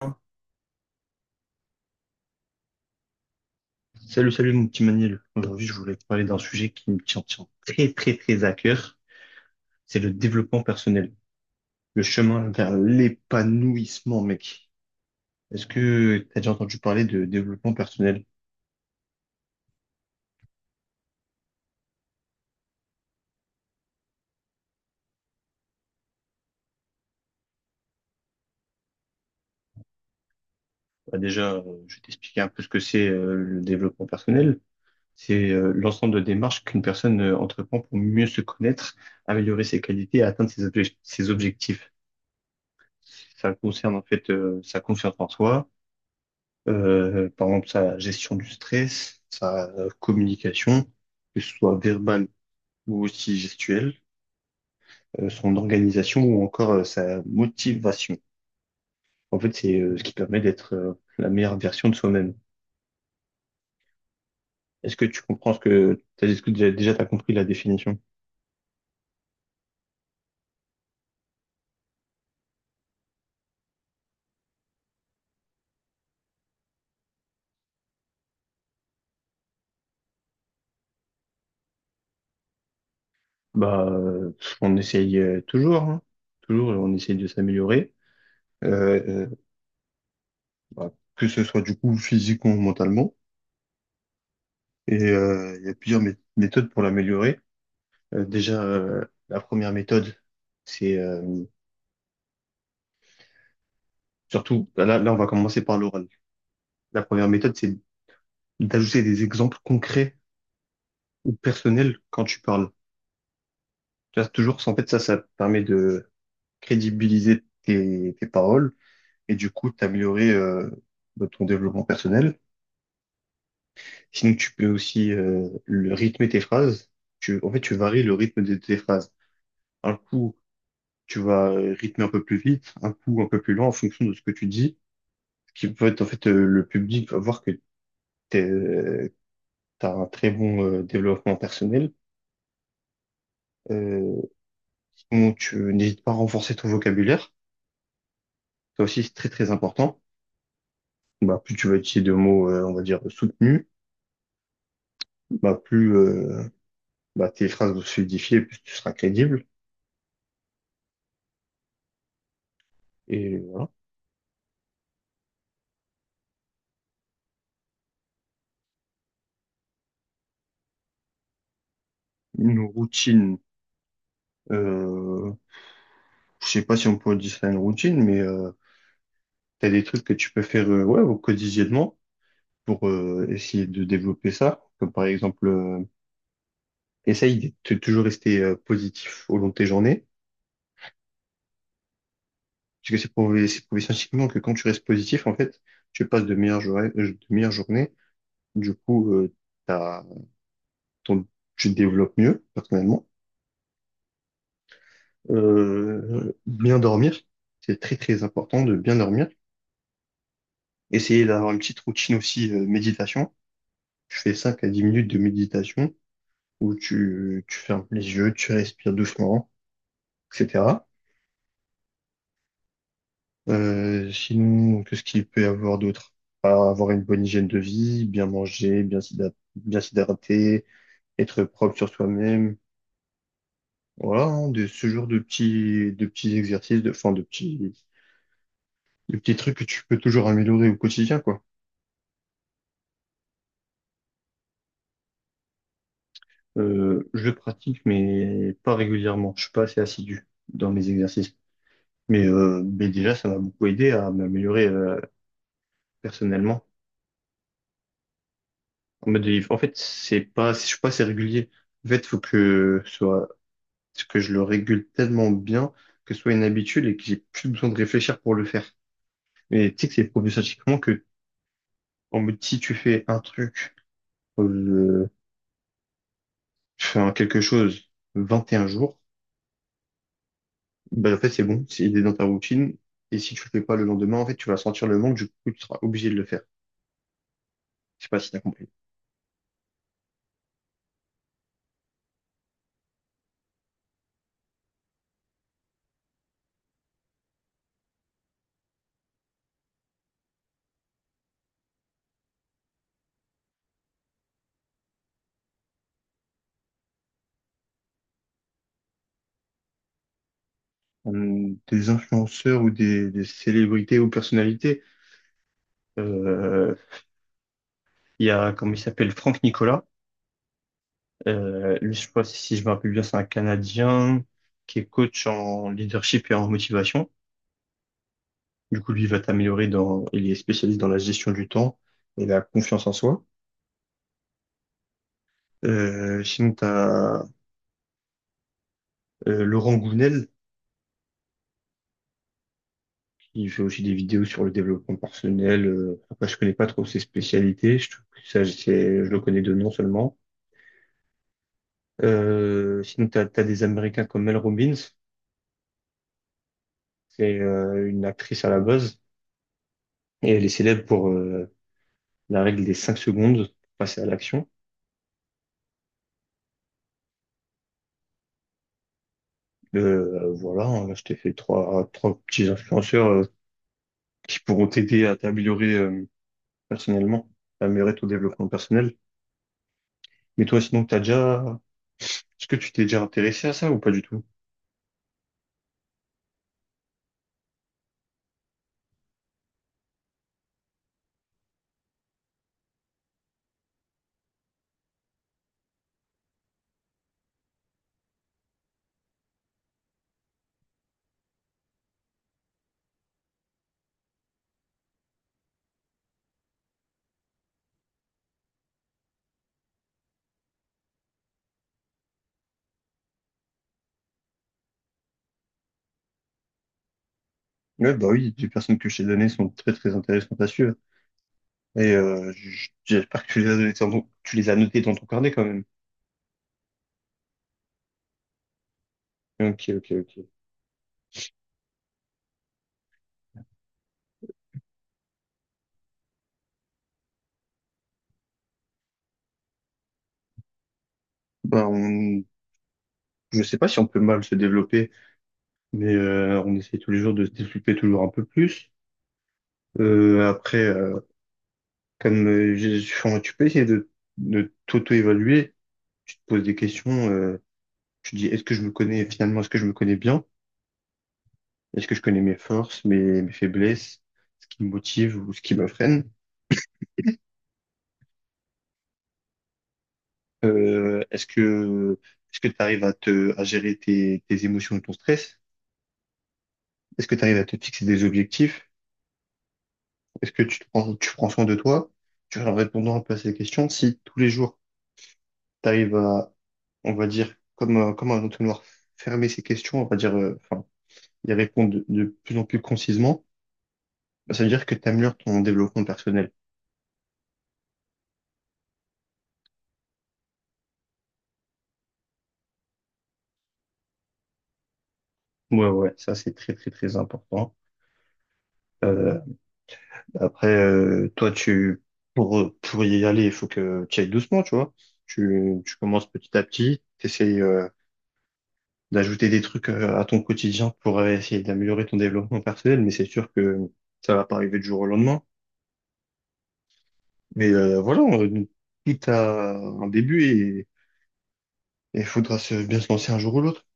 Hein. Salut, salut mon petit Manil. Aujourd'hui, je voulais te parler d'un sujet qui me tient très, très, très à cœur. C'est le développement personnel, le chemin vers l'épanouissement, mec. Est-ce que tu as déjà entendu parler de développement personnel? Bah, déjà, je vais t'expliquer un peu ce que c'est le développement personnel. C'est l'ensemble de démarches qu'une personne entreprend pour mieux se connaître, améliorer ses qualités et atteindre ses objectifs. Ça concerne en fait sa confiance en soi, par exemple sa gestion du stress, sa communication, que ce soit verbale ou aussi gestuelle, son organisation ou encore sa motivation. En fait, c'est ce qui permet d'être la meilleure version de soi-même. Est-ce que tu comprends ce que t'as, est-ce que déjà t'as compris la définition? Bah, on essaye toujours, hein. Toujours, on essaye de s'améliorer. Euh, euh, Bah, que ce soit du coup physiquement ou mentalement. Et il y a plusieurs méthodes pour l'améliorer. Déjà, la première méthode, c'est surtout, bah, là, on va commencer par l'oral. La première méthode, c'est d'ajouter des exemples concrets ou personnels quand tu parles. Tu vois, toujours, en fait, ça te permet de crédibiliser tes paroles et du coup, t'améliorer de ton développement personnel. Sinon, tu peux aussi le rythmer tes phrases. En fait, tu varies le rythme de tes phrases. Un coup, tu vas rythmer un peu plus vite, un coup un peu plus lent en fonction de ce que tu dis, ce qui peut être en fait le public va voir que tu as un très bon développement personnel. Euh, Sinon, tu n'hésites pas à renforcer ton vocabulaire. Ça aussi, c'est très très important. Bah, plus tu vas utiliser de mots, on va dire, soutenus, bah, plus bah, tes phrases vont se solidifier, plus tu seras crédible. Et une routine, euh, je sais pas si on peut dire ça une routine, mais tu as des trucs que tu peux faire ouais, au quotidiennement pour essayer de développer ça. Comme par exemple, essaye de toujours rester positif au long de tes journées. Parce que c'est prouvé scientifiquement que quand tu restes positif, en fait, tu passes de meilleures journées, de meilleures journées. Du coup, t'as, ton, tu te développes mieux, personnellement. Bien dormir, c'est très très important de bien dormir. Essayer d'avoir une petite routine aussi, méditation. Tu fais 5 à 10 minutes de méditation où tu fermes les yeux, tu respires doucement, etc. Sinon, qu'est-ce qu'il peut y avoir d'autre? Enfin, avoir une bonne hygiène de vie, bien manger, bien s'hydrater, être propre sur soi-même. Voilà, hein, de, ce genre de petits exercices, de, enfin, de petits trucs que tu peux toujours améliorer au quotidien, quoi. Je le pratique, mais pas régulièrement. Je suis pas assez assidu dans mes exercices. Mais déjà, ça m'a beaucoup aidé à m'améliorer, personnellement. En mode, en fait, c'est pas, je suis pas assez régulier. En fait, faut que ce soit. Parce que je le régule tellement bien que ce soit une habitude et que j'ai plus besoin de réfléchir pour le faire. Mais tu sais que c'est prouvé scientifiquement que, en mode, si tu fais un truc, euh, tu fais un quelque chose 21 jours, ben, en fait, c'est bon, c'est il est dans ta routine. Et si tu le fais pas le lendemain, en fait, tu vas sentir le manque, du coup, tu seras obligé de le faire. Je sais pas si t'as compris. Des influenceurs ou des célébrités ou personnalités, euh, il y a, comment il s'appelle, Franck Nicolas. Lui, je sais pas si je me rappelle bien, c'est un Canadien qui est coach en leadership et en motivation. Du coup, lui, il va t'améliorer il est spécialiste dans la gestion du temps et la confiance en soi. Sinon, t'as Laurent Gounel qui fait aussi des vidéos sur le développement personnel. Après, je connais pas trop ses spécialités. Je trouve que je le connais de nom seulement. Sinon, t'as des Américains comme Mel Robbins. C'est une actrice à la base et elle est célèbre pour la règle des 5 secondes pour passer à l'action. Voilà, hein, je t'ai fait trois petits influenceurs qui pourront t'aider à t'améliorer personnellement, à améliorer ton développement personnel. Mais toi, sinon, t'as déjà. Est-ce que tu t'es déjà intéressé à ça ou pas du tout? Ouais, bah oui, les personnes que je t'ai données sont très très intéressantes à suivre. Et j'espère que tu les as données tu les as notées dans ton carnet quand même. Ok, ok, ok. Bah, je sais pas si on peut mal se développer, mais on essaie tous les jours de se développer toujours un peu plus. Après, comme tu peux essayer de t'auto-évaluer, tu te poses des questions, tu te dis est-ce que je me connais finalement, est-ce que je me connais bien? Est-ce que je connais mes forces, mes faiblesses, ce qui me motive ou ce qui me freine? Euh, est-ce que est-ce que tu arrives à gérer tes émotions et ton stress? Est-ce que tu arrives à te fixer des objectifs? Est-ce que tu prends soin de toi? Tu vois, en répondant un peu à ces questions, si tous les jours tu arrives à on va dire, comme, comme un entonnoir fermer ses questions, on va dire, enfin, y répondre de plus en plus concisement, bah, ça veut dire que tu améliores ton développement personnel. Ouais, ouais, ça c'est très, très, très important. Euh, Après, toi, tu, pour y aller, il faut que tu ailles doucement, tu vois. Tu commences petit à petit, tu essayes d'ajouter des trucs à ton quotidien pour essayer d'améliorer ton développement personnel, mais c'est sûr que ça va pas arriver du jour au lendemain. Mais voilà, tout a un début. Et il faudra bien se lancer un jour ou l'autre.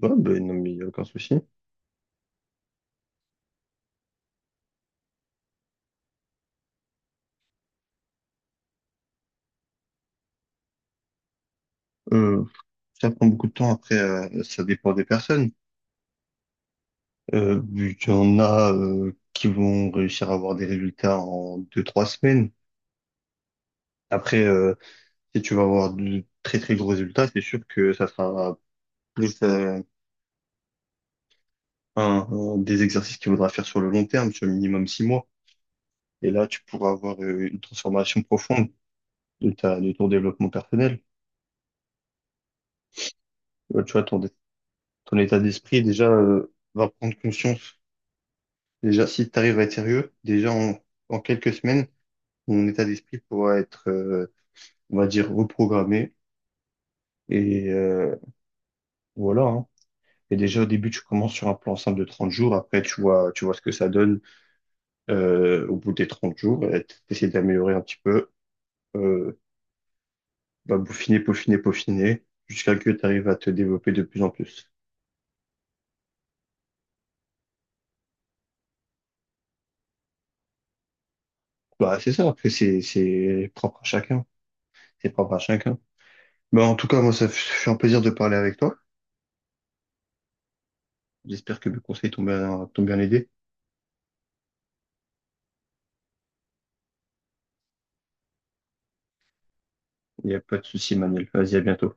Ouais, ben, non, mais il n'y a aucun souci. Euh, Ça prend beaucoup de temps. Après, ça dépend des personnes. Vu qu'il y en a qui vont réussir à avoir des résultats en 2, 3 semaines. Après, si tu vas avoir de très, très gros résultats, c'est sûr que ça sera plus un des exercices qu'il faudra faire sur le long terme, sur le minimum 6 mois. Et là, tu pourras avoir une transformation profonde de de ton développement personnel. Tu vois, ton état d'esprit, déjà, va prendre conscience. Déjà, si tu arrives à être sérieux, déjà en quelques semaines, mon état d'esprit pourra être, on va dire, reprogrammé. Et voilà. Hein. Et déjà au début, tu commences sur un plan simple de 30 jours. Après, tu vois ce que ça donne au bout des 30 jours. Et t'essaies d'améliorer un petit peu, euh, bah, peaufiner, peaufiner, peaufiner, jusqu'à que tu arrives à te développer de plus en plus. Bah, c'est ça. Après, c'est propre à chacun. C'est propre à chacun. Bah, en tout cas, moi, ça fait un plaisir de parler avec toi. J'espère que mes conseils t'ont bien aidé. Il n'y a pas de souci, Manuel. Vas-y, à bientôt.